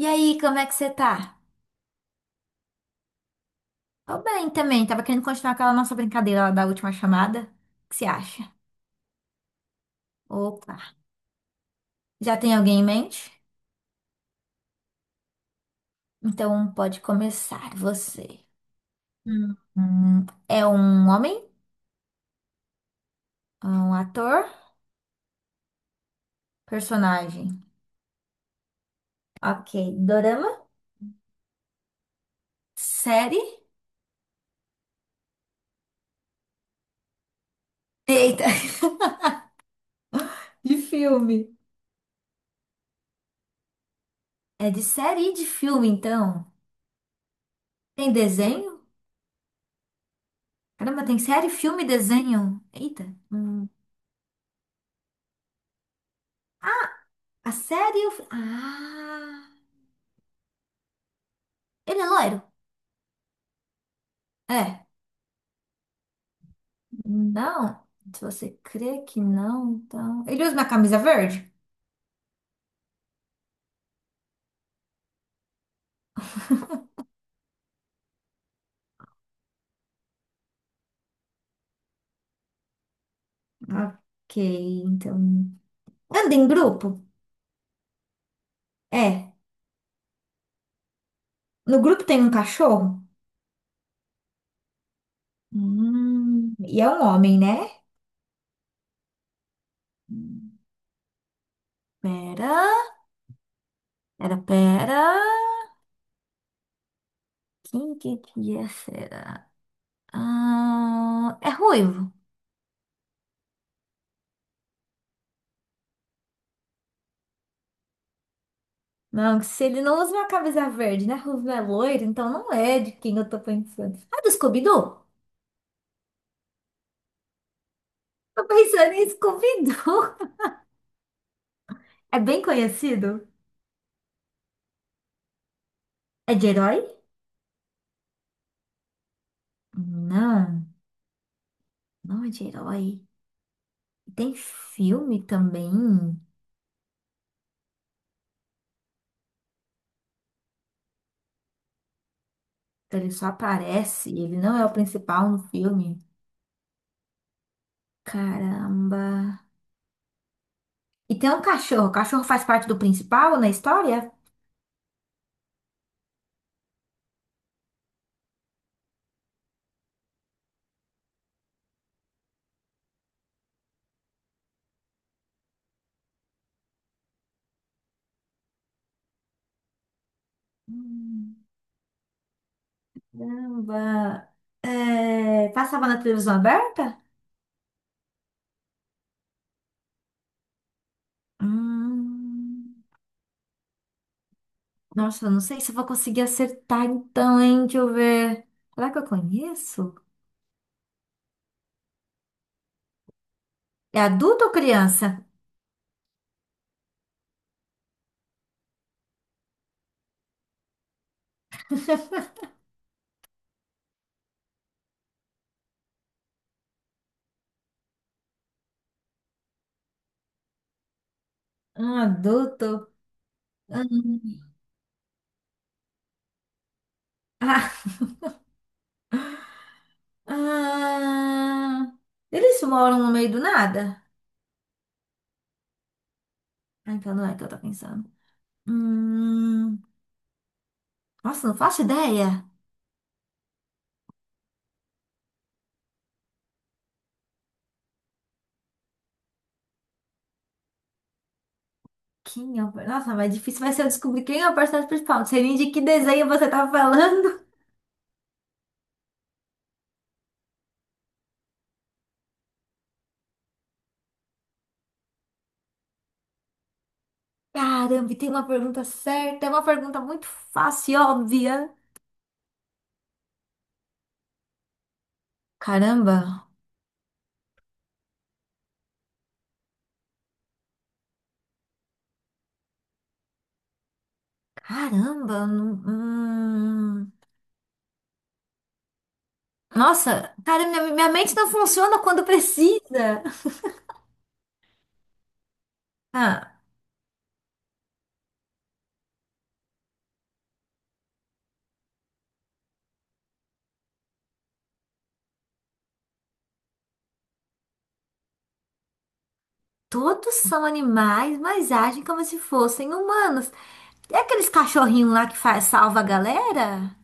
E aí, como é que você tá? Tô bem também. Tava querendo continuar aquela nossa brincadeira lá da última chamada. O que você acha? Opa. Já tem alguém em mente? Então pode começar você. Hum. É um homem? É um ator? Personagem? Ok. Dorama? Série? Eita. De filme. É de série e de filme, então. Tem desenho? Caramba, tem série, filme e desenho. Eita. Hum, A série... e o ah... Ele é loiro? É, não. Se você crê que não, então. Ele usa uma camisa verde? Ok, então. Anda em grupo? É. No grupo tem um cachorro? E é um homem, né? Hum, pera, pera. Quem que é, será? Ah, é ruivo. Não, se ele não usa uma camisa verde, né? Ruivo é loiro, então não é de quem eu tô pensando. Ah, do Scooby-Doo? Tô pensando em Scooby-Doo. É bem conhecido? É de herói? Não, não é de herói. Tem filme também. Que Ele só aparece, ele não é o principal no filme. Caramba. E tem um cachorro. O cachorro faz parte do principal na história? Hum, Caramba. É, passava na televisão aberta? Hum, Nossa, eu não sei se eu vou conseguir acertar então, hein? Deixa eu ver. Será que eu conheço? É adulto ou criança? Ah, adulto. Hum. Ah, ah, eles moram no meio do nada? Ah, então não é que eu tô pensando. Hum, nossa, não faço ideia. Quem é o... Nossa, mas difícil vai ser eu descobrir quem é o personagem principal. Não sei nem de que desenho você tá falando. Caramba, e tem uma pergunta certa. É uma pergunta muito fácil e óbvia. Caramba. Caramba. Eu não- Hum. Nossa, cara, minha mente não funciona quando precisa. Ah. Todos são animais, mas agem como se fossem humanos. É aqueles cachorrinhos lá que faz, salva a galera?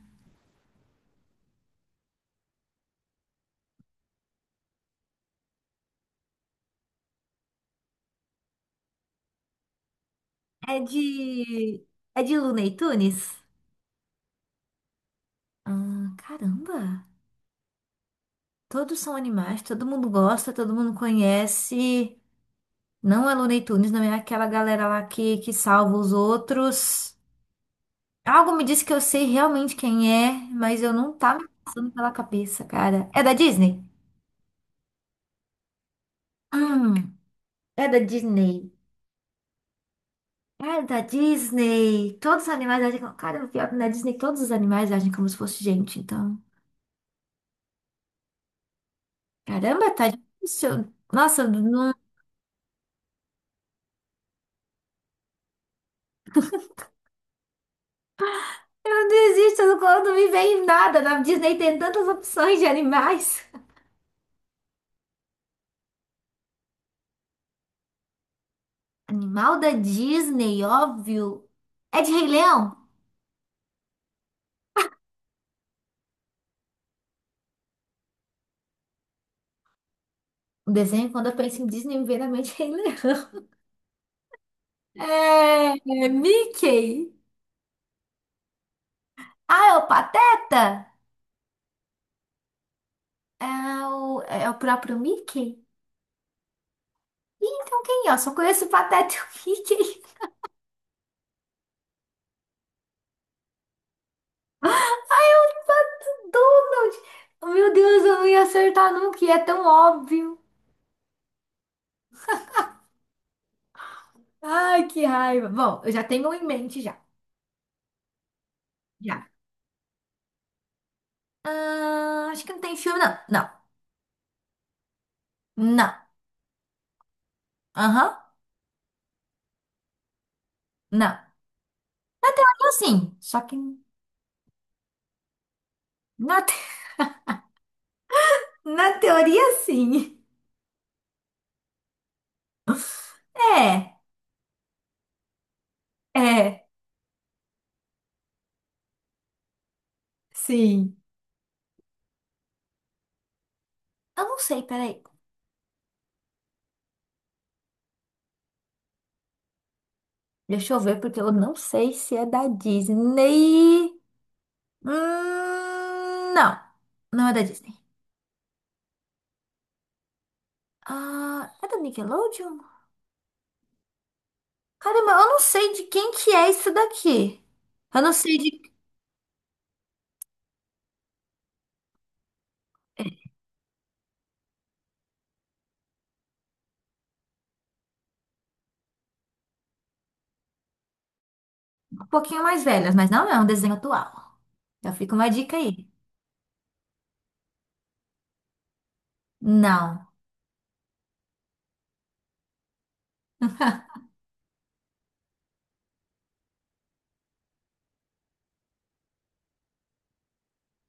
É de. É de Looney Tunes? Ah, caramba! Todos são animais, todo mundo gosta, todo mundo conhece. Não é Looney Tunes, não é aquela galera lá que salva os outros. Algo me disse que eu sei realmente quem é, mas eu não tá me passando pela cabeça, cara. É da Disney? Hum, é da Disney. Cara da Disney. Todos os animais agem como. Cara, o pior que na Disney todos os animais agem como se fosse gente, então. Caramba, tá difícil. Nossa, não, não existe não- quando me vem nada. Na Disney tem tantas opções de animais. Animal da Disney, óbvio. É de Rei Leão. O desenho, quando eu penso em Disney, me vem na mente Rei Leão. É, é Mickey. Ah, é o Pateta? É o próprio Mickey? Ih, então quem é? Eu só conheço o Pateta e o Mickey. Donald! Meu Deus, eu não ia acertar nunca, e é tão óbvio. Ai, que raiva. Bom, eu já tenho um em mente já. Já. Ah, acho que não tem filme, não. Não. Não. Aham. Não. Na teoria, sim. Só que na, te- na teoria, sim. É. É. Sim. Eu não sei, peraí. Deixa eu ver, porque eu não sei se é da Disney. Não. Não é da Disney. Ah, é da Nickelodeon? Caramba, eu não sei de quem que é isso daqui. Eu não sei de Um pouquinho mais velhas, mas não é um desenho atual. Já fica uma dica aí. Não.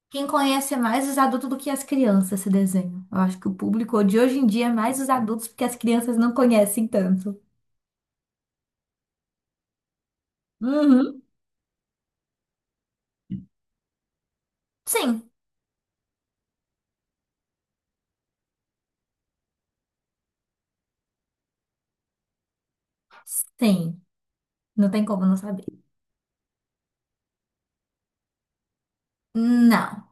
Quem conhece mais os adultos do que as crianças esse desenho? Eu acho que o público de hoje em dia é mais os adultos, porque as crianças não conhecem tanto. Uhum. Sim. Sim. Não tem como não saber. Não.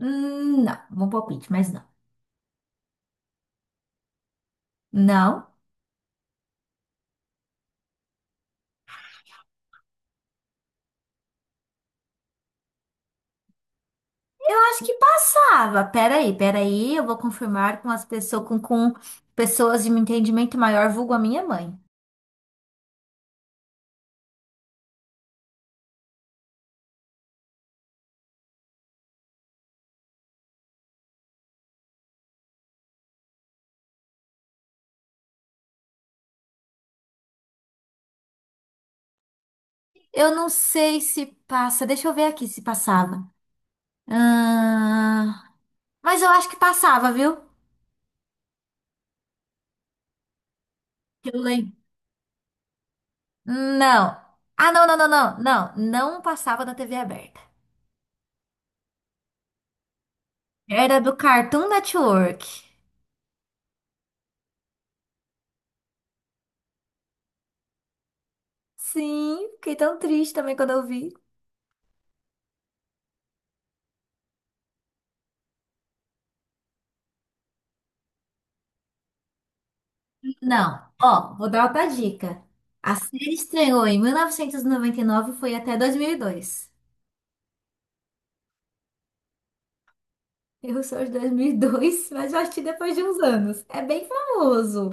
Não. Bom palpite, mas não. Não. Eu acho que passava. Peraí, peraí, eu vou confirmar com as pessoas com pessoas de um entendimento maior, vulgo a minha mãe. Eu não sei se passa. Deixa eu ver aqui se passava. Ah, mas eu acho que passava, viu? Que Eu lembro. Não. Ah, não, não, não, não, não. Não passava na TV aberta. Era do Cartoon Network. Sim, fiquei tão triste também quando eu vi. Não, ó, vou dar outra dica. A série estreou em 1999 e noventa e nove e foi até 2002. Eu sou de 2002, mas eu assisti depois de uns anos. É bem famoso.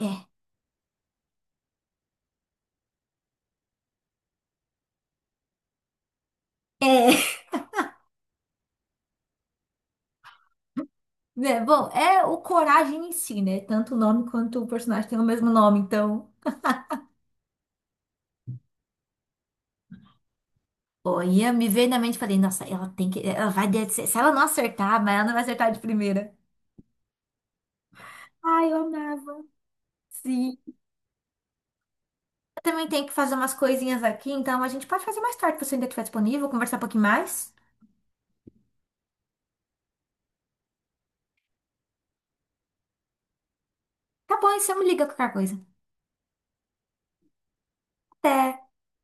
É, é, é, bom, é o Coragem em si, né? Tanto o nome quanto o personagem tem o mesmo nome, então. Olha, me veio na mente e falei, nossa, ela tem que. Ela vai. Se ela não acertar, mas ela não vai acertar de primeira. Ai, eu amava. Sim. Eu também tenho que fazer umas coisinhas aqui, então a gente pode fazer mais tarde, se você ainda estiver disponível, conversar um pouquinho mais. Tá bom, e você me liga qualquer coisa. Até!